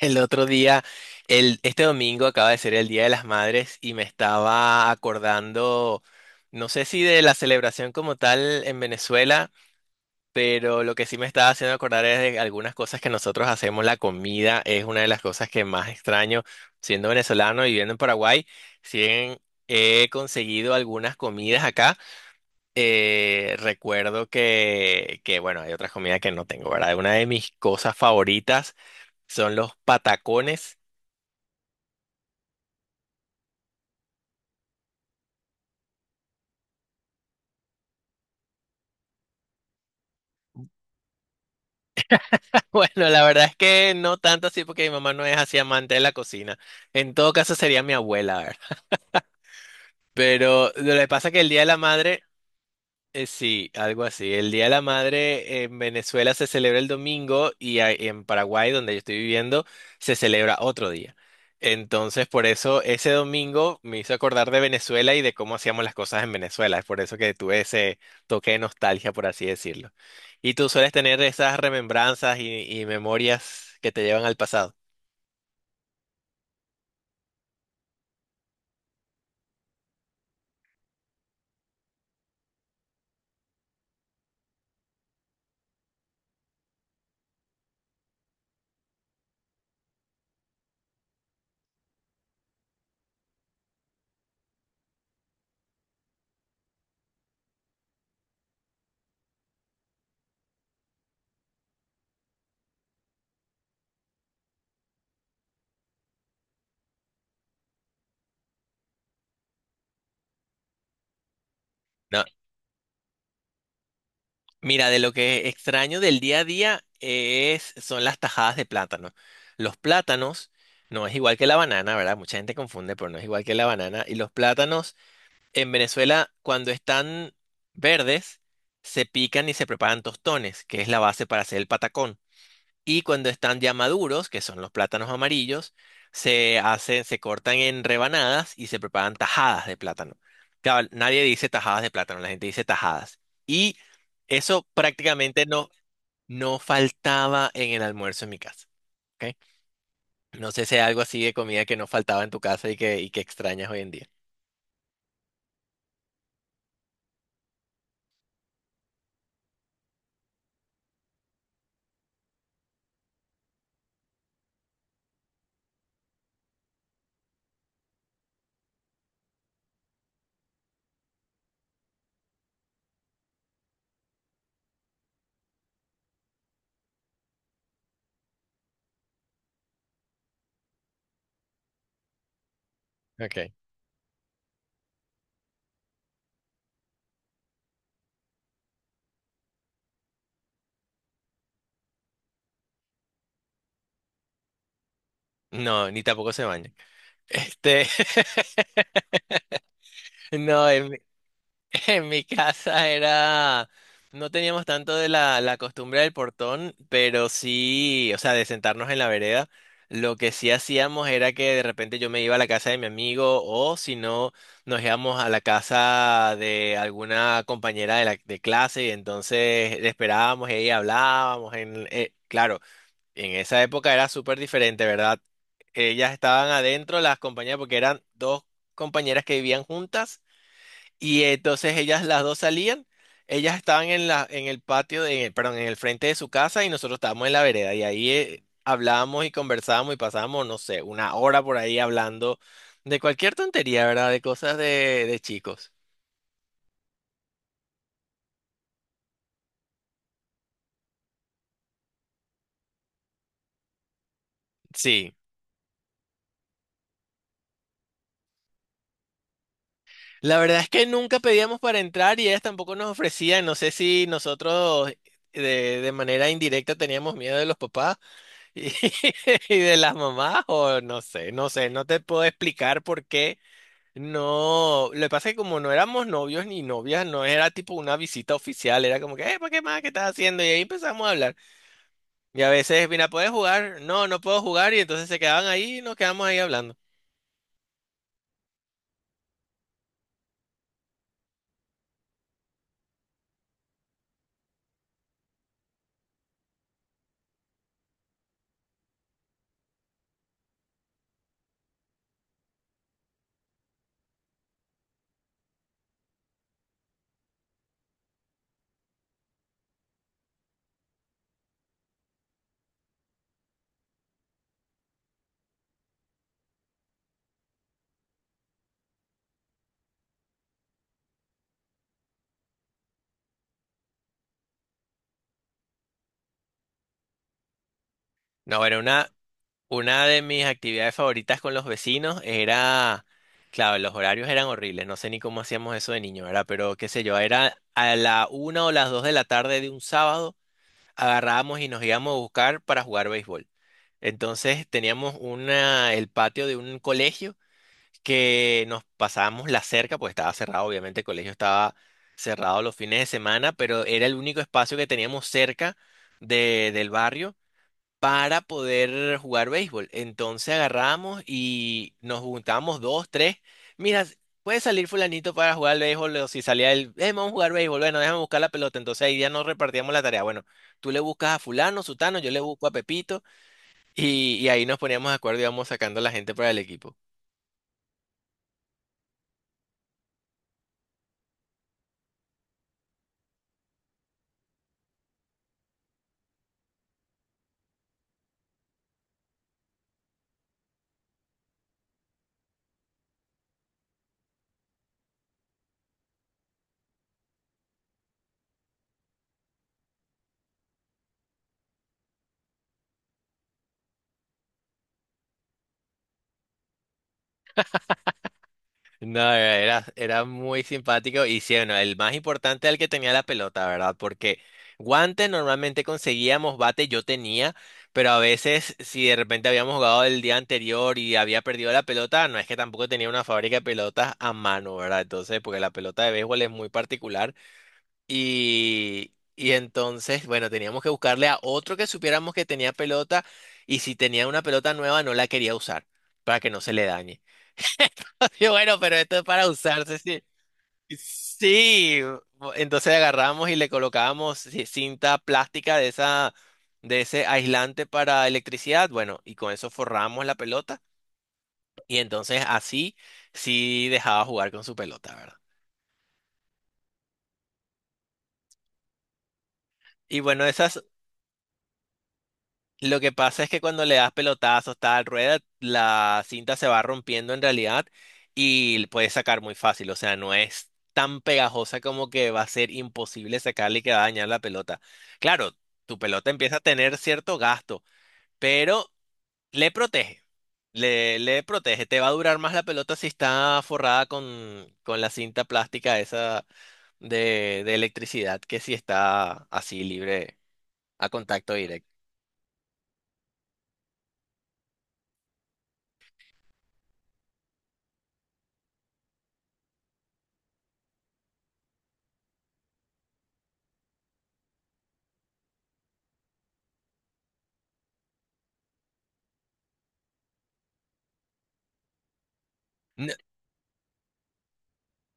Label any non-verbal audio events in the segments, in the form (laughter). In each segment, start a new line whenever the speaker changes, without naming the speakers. El otro día, este domingo acaba de ser el Día de las Madres y me estaba acordando, no sé si de la celebración como tal en Venezuela, pero lo que sí me estaba haciendo acordar es de algunas cosas que nosotros hacemos. La comida es una de las cosas que más extraño, siendo venezolano y viviendo en Paraguay, si bien he conseguido algunas comidas acá. Recuerdo bueno, hay otras comidas que no tengo, ¿verdad? Una de mis cosas favoritas son los patacones. Bueno, la verdad es que no tanto así porque mi mamá no es así amante de la cocina. En todo caso sería mi abuela, ¿verdad? Pero lo que pasa es que el Día de la Madre, sí, algo así. El Día de la Madre en Venezuela se celebra el domingo y en Paraguay, donde yo estoy viviendo, se celebra otro día. Entonces, por eso ese domingo me hizo acordar de Venezuela y de cómo hacíamos las cosas en Venezuela. Es por eso que tuve ese toque de nostalgia, por así decirlo. ¿Y tú sueles tener esas remembranzas y memorias que te llevan al pasado? Mira, de lo que extraño del día a día es, son las tajadas de plátano. Los plátanos, no es igual que la banana, ¿verdad? Mucha gente confunde, pero no es igual que la banana. Y los plátanos en Venezuela, cuando están verdes, se pican y se preparan tostones, que es la base para hacer el patacón. Y cuando están ya maduros, que son los plátanos amarillos, se hacen, se cortan en rebanadas y se preparan tajadas de plátano. Claro, nadie dice tajadas de plátano, la gente dice tajadas. Y eso prácticamente no, no faltaba en el almuerzo en mi casa. ¿Ok? No sé si hay algo así de comida que no faltaba en tu casa y que extrañas hoy en día. Okay. No, ni tampoco se bañan. Este, (laughs) no, en mi casa era, no teníamos tanto de la costumbre del portón, pero sí, o sea, de sentarnos en la vereda. Lo que sí hacíamos era que de repente yo me iba a la casa de mi amigo o si no, nos íbamos a la casa de alguna compañera de clase y entonces le esperábamos y ahí hablábamos. Claro, en esa época era súper diferente, ¿verdad? Ellas estaban adentro, las compañeras, porque eran dos compañeras que vivían juntas y entonces ellas las dos salían, ellas estaban en en el patio, perdón, en el frente de su casa y nosotros estábamos en la vereda y ahí hablábamos y conversábamos y pasábamos, no sé, una hora por ahí hablando de cualquier tontería, ¿verdad? De cosas de chicos. Sí. La verdad es que nunca pedíamos para entrar y ellas tampoco nos ofrecían, no sé si nosotros de, de manera indirecta teníamos miedo de los papás y, (laughs) y de las mamás o no sé, no sé, no te puedo explicar por qué. No, lo que pasa es que como no éramos novios ni novias, no era tipo una visita oficial, era como que, ¿para qué más? ¿Qué estás haciendo? Y ahí empezamos a hablar. Y a veces, mira, ¿puedes jugar? No, no puedo jugar. Y entonces se quedaban ahí y nos quedamos ahí hablando. No, era Una de mis actividades favoritas con los vecinos era, claro, los horarios eran horribles, no sé ni cómo hacíamos eso de niño, ¿verdad? Pero qué sé yo, era a la una o las dos de la tarde de un sábado, agarrábamos y nos íbamos a buscar para jugar béisbol. El patio de un colegio que nos pasábamos la cerca, pues estaba cerrado, obviamente el colegio estaba cerrado los fines de semana, pero era el único espacio que teníamos cerca del barrio para poder jugar béisbol. Entonces agarramos y nos juntábamos dos, tres. Mira, ¿puede salir fulanito para jugar al béisbol? O si salía él, vamos a jugar béisbol, bueno, déjame buscar la pelota". Entonces ahí ya nos repartíamos la tarea. Bueno, tú le buscas a fulano, sutano, yo le busco a Pepito. Y ahí nos poníamos de acuerdo y íbamos sacando a la gente para el equipo. No, era, Era muy simpático y sí, bueno, el más importante era el que tenía la pelota, ¿verdad? Porque guantes normalmente conseguíamos, bate yo tenía, pero a veces si de repente habíamos jugado el día anterior y había perdido la pelota, no es que tampoco tenía una fábrica de pelotas a mano, ¿verdad? Entonces, porque la pelota de béisbol es muy particular. Y entonces, bueno, teníamos que buscarle a otro que supiéramos que tenía pelota y si tenía una pelota nueva no la quería usar para que no se le dañe. (laughs) Y bueno, pero esto es para usarse, sí. Sí, entonces agarramos y le colocábamos cinta plástica de esa, de ese aislante para electricidad, bueno, y con eso forramos la pelota y entonces así sí dejaba jugar con su pelota, ¿verdad? Y bueno, esa Lo que pasa es que cuando le das pelotazos, tal rueda, la cinta se va rompiendo en realidad y le puedes sacar muy fácil. O sea, no es tan pegajosa como que va a ser imposible sacarle y que va a dañar la pelota. Claro, tu pelota empieza a tener cierto gasto, pero le protege. Le protege. Te va a durar más la pelota si está forrada con la cinta plástica esa de electricidad que si está así libre a contacto directo.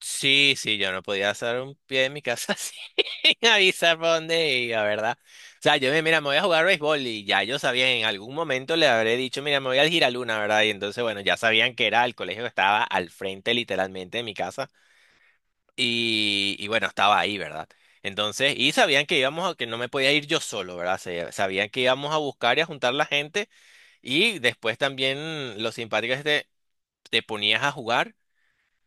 Sí, sí, yo no podía hacer un pie en mi casa (laughs) sin avisar por dónde iba, ¿verdad? O sea, mira, me voy a jugar béisbol y ya yo sabía, en algún momento le habré dicho, mira, me voy al Giraluna, ¿verdad? Y entonces, bueno, ya sabían que era el colegio que estaba al frente literalmente de mi casa y bueno, estaba ahí, ¿verdad? Entonces, y sabían que íbamos a, que no me podía ir yo solo, ¿verdad? Sabían que íbamos a buscar y a juntar la gente y después también lo simpático es que te ponías a jugar.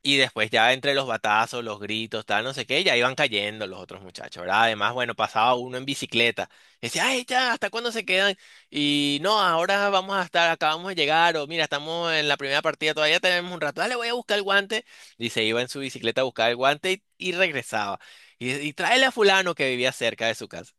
Y después ya entre los batazos, los gritos, tal, no sé qué, ya iban cayendo los otros muchachos, ¿verdad? Además, bueno, pasaba uno en bicicleta y decía, ay, ya, ¿hasta cuándo se quedan? Y no, ahora vamos a estar, acabamos de llegar, o mira, estamos en la primera partida, todavía tenemos un rato, dale, voy a buscar el guante. Y se iba en su bicicleta a buscar el guante y regresaba. Y tráele a fulano que vivía cerca de su casa,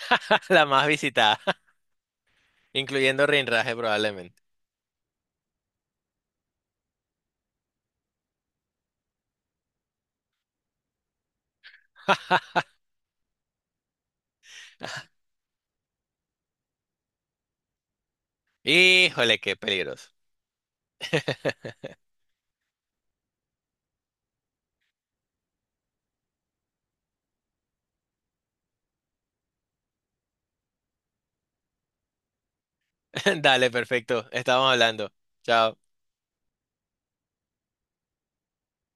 (laughs) la más visitada, (laughs) incluyendo Rinraje probablemente. (laughs) Híjole, qué peligroso. (laughs) Dale, perfecto, estamos hablando. Chao.